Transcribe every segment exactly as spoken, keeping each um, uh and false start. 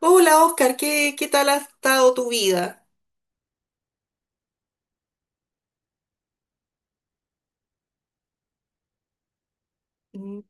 Hola Oscar, ¿qué, qué tal ha estado tu vida? Mm.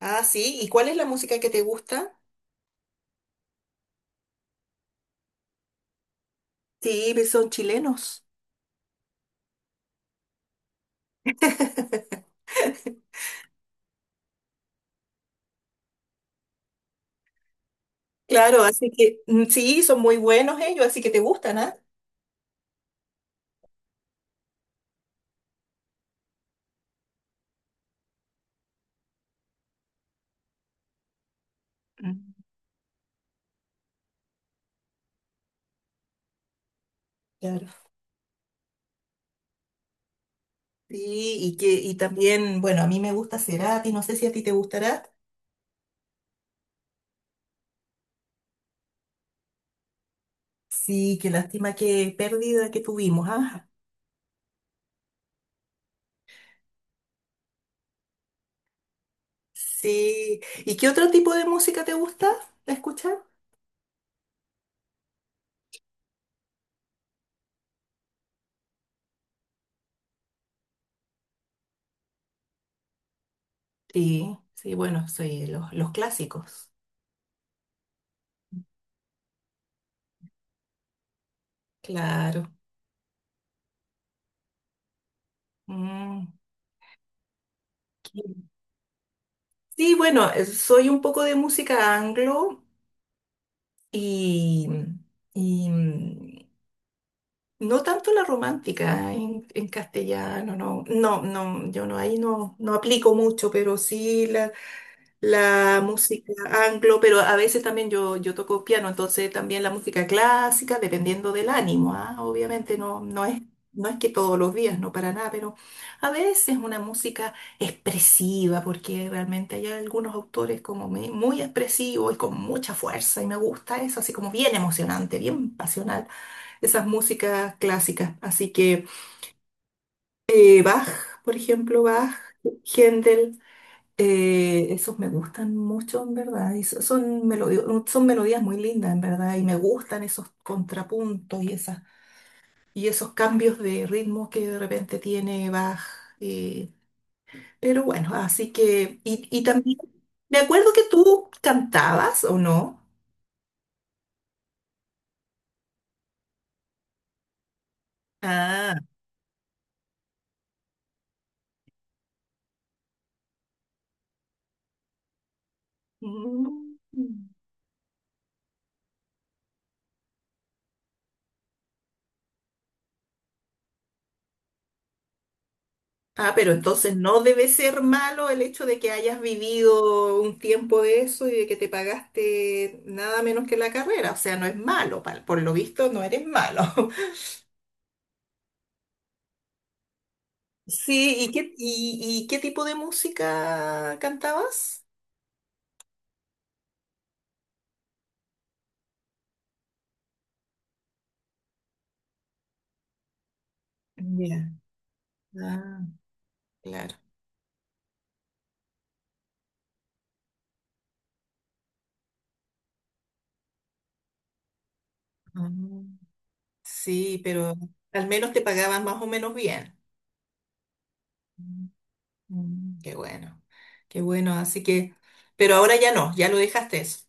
Ah, sí, ¿y cuál es la música que te gusta? Sí, pues son chilenos. Claro, así que mm, sí, son muy buenos ellos, así que te gustan, ¿ah? Mm. Claro. Sí, y que y también, bueno, a mí me gusta Cerati, no sé si a ti te gustará. Sí, qué lástima, qué pérdida que tuvimos, ¿ah? Sí, ¿y qué otro tipo de música te gusta escuchar? Sí, sí, bueno, soy los, los clásicos. Claro. Mm. Sí, bueno, eh, soy un poco de música anglo y, y, mm, no tanto la romántica en, en castellano, no, no, no, yo no, ahí no, no aplico mucho, pero sí la música anglo, pero a veces también yo, yo toco piano, entonces también la música clásica, dependiendo del ánimo, ¿ah? Obviamente no, no es, no es que todos los días, no para nada, pero a veces una música expresiva, porque realmente hay algunos autores como me- muy expresivos y con mucha fuerza, y me gusta eso, así como bien emocionante, bien pasional, esas músicas clásicas. Así que eh, Bach, por ejemplo, Bach, Händel. Eh, esos me gustan mucho, en verdad. Y so- son melodías, son melodías muy lindas, en verdad. Y me gustan esos contrapuntos y esas, y esos cambios de ritmo que de repente tiene Bach. eh, pero bueno, así que. Y, y también. Me acuerdo que tú cantabas, ¿o no? Ah. Mm. Ah, pero entonces no debe ser malo el hecho de que hayas vivido un tiempo de eso y de que te pagaste nada menos que la carrera. O sea, no es malo, pa- por lo visto no eres malo. Sí, ¿y qué, y, y qué tipo de música cantabas? Ya. Ah, claro. Ah, sí, pero al menos te pagaban más o menos bien. Mm, mm. Qué bueno, qué bueno. Así que, pero ahora ya no, ya lo dejaste eso.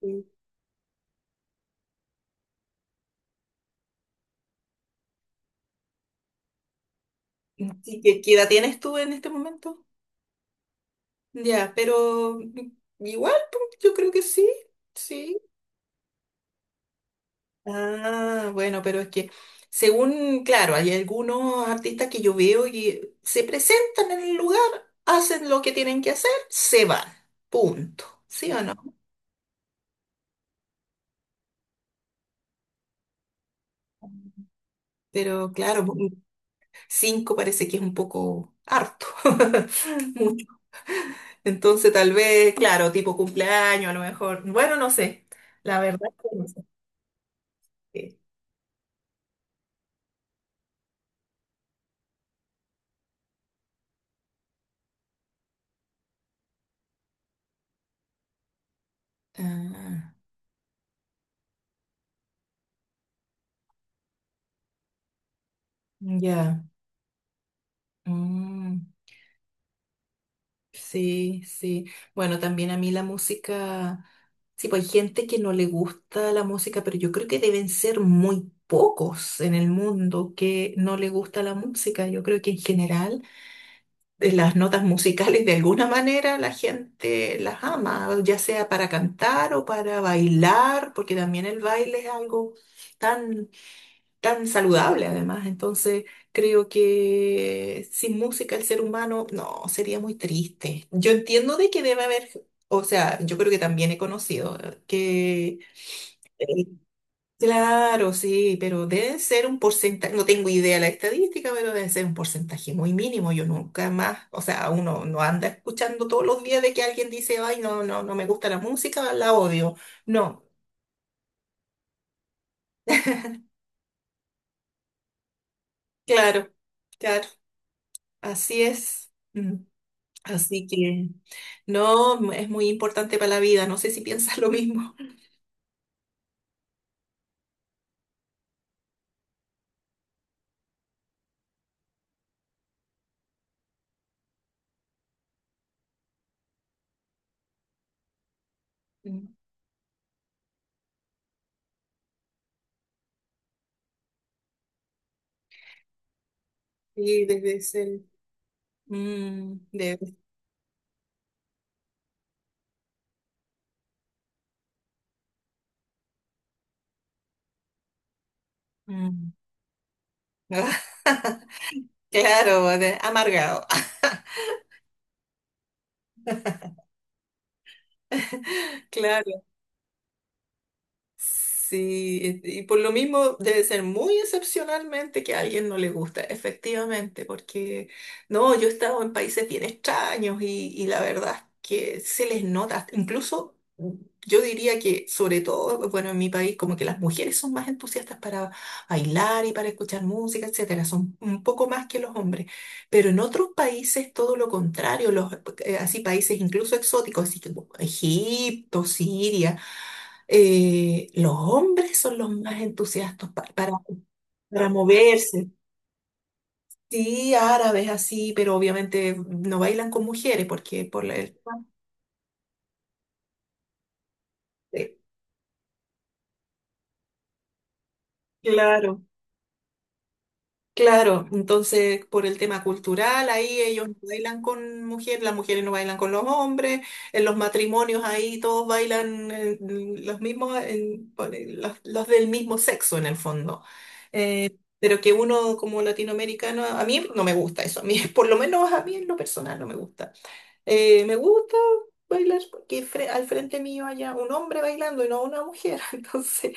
Sí. ¿Y qué, qué edad tienes tú en este momento? Ya, pero igual, pues, yo creo que sí, sí. Ah, bueno, pero es que según, claro, hay algunos artistas que yo veo y se presentan en el lugar, hacen lo que tienen que hacer, se van, punto. ¿Sí o no? Pero claro, un- cinco parece que es un poco harto. Mucho. Entonces, tal vez, claro, tipo cumpleaños, a lo mejor. Bueno, no sé. La verdad es que no sé. Ah, ya. Mm. Sí, sí. Bueno, también a mí la música, sí, pues hay gente que no le gusta la música, pero yo creo que deben ser muy pocos en el mundo que no le gusta la música. Yo creo que en general eh, las notas musicales de alguna manera la gente las ama, ya sea para cantar o para bailar, porque también el baile es algo tan tan saludable además. Entonces, creo que sin música el ser humano, no, sería muy triste. Yo entiendo de que debe haber, o sea, yo creo que también he conocido eh, que, eh, claro, sí, pero debe ser un porcentaje, no tengo idea de la estadística, pero debe ser un porcentaje muy mínimo. Yo nunca más, o sea, uno no anda escuchando todos los días de que alguien dice, ay, no, no, no me gusta la música, la odio. No, claro, claro, así es. Mm. Así que no, es muy importante para la vida. No sé si piensas lo mismo. Mm. Sí, debe ser. mm, debe- mm. Claro, de- amargado. Claro. Sí, y y por lo mismo debe ser muy excepcionalmente que a alguien no le gusta, efectivamente, porque no, yo he estado en países bien extraños y, y la verdad es que se les nota, incluso yo diría que sobre todo, bueno, en mi país como que las mujeres son más entusiastas para bailar y para escuchar música, etcétera, son un poco más que los hombres, pero en otros países todo lo contrario, los, eh, así países incluso exóticos, así como Egipto, Siria. Eh, los hombres son los más entusiastas pa- para, para moverse. Sí, árabes así, pero obviamente no bailan con mujeres porque por la... Sí, claro. Claro, entonces por el tema cultural, ahí ellos no bailan con mujeres, las mujeres no bailan con los hombres, en los matrimonios ahí todos bailan eh, los mismos, en- por el- los, los del mismo sexo en el fondo. Eh, pero que uno como latinoamericano, a mí no me gusta eso, a mí por lo menos a mí en lo personal no me gusta. Eh, me gusta bailar porque fre- al frente mío haya un hombre bailando y no una mujer. Entonces,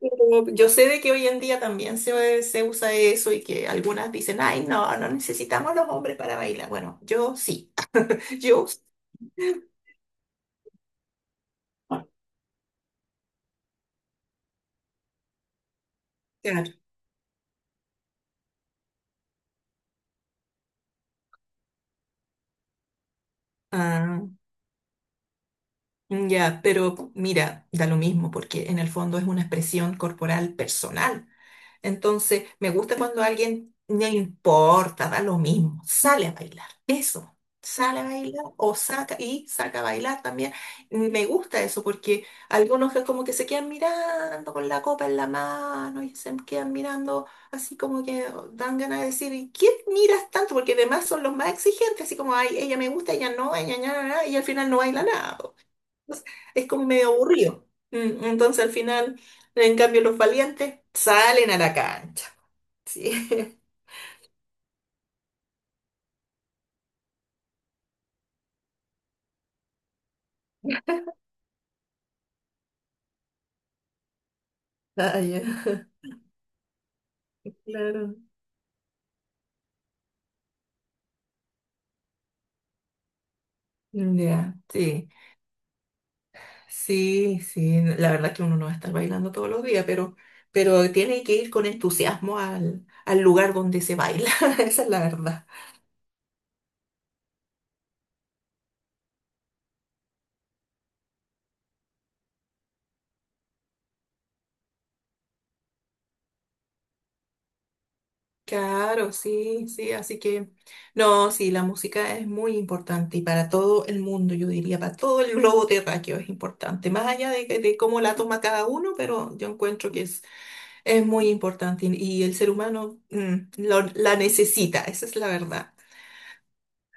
pero yo sé de que hoy en día también se, se usa eso y que algunas dicen, ay, no, no necesitamos los hombres para bailar. Bueno, yo sí, yo sí. Claro. Ah, ya, pero mira, da lo mismo porque en el fondo es una expresión corporal personal. Entonces, me gusta cuando a alguien no le importa, da lo mismo, sale a bailar. Eso, sale a bailar o saca y saca a bailar también. Me gusta eso porque algunos que como que se quedan mirando con la copa en la mano y se quedan mirando así como que dan ganas de decir, ¿y qué miras tanto? Porque además son los más exigentes, así como, ay, ella me gusta, ella no, ella, nada y al final no baila nada, es como medio aburrido. Mm. Entonces al final, en cambio, los valientes salen a la cancha. Sí. Ah, ya. Claro. Ya, sí. Sí, sí. La verdad es que uno no va a estar bailando todos los días, pero, pero tiene que ir con entusiasmo al, al lugar donde se baila. Esa es la verdad. Claro, sí, sí, así que no, sí, la música es muy importante y para todo el mundo, yo diría, para todo el globo terráqueo es importante, más allá de, que- de cómo la toma cada uno, pero yo encuentro que es, es muy importante y, y el ser humano mm, lo- la necesita, esa es la verdad.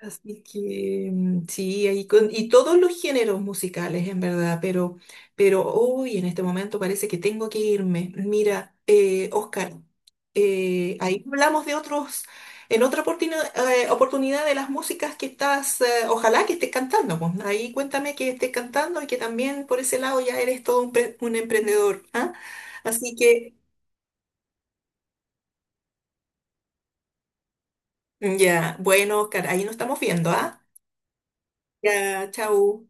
Así que mm, sí, ahí con, y todos los géneros musicales, en verdad, pero, pero hoy en este momento parece que tengo que irme. Mira, eh, Oscar, eh, ahí hablamos de otros, en otra oportuna- eh, oportunidad de las músicas que estás, eh, ojalá que estés cantando pues. Ahí cuéntame que estés cantando y que también por ese lado ya eres todo un, pre- un emprendedor, ¿ah? Así que ya, bueno, Oscar, ahí nos estamos viendo, ¿ah? Ya, chau.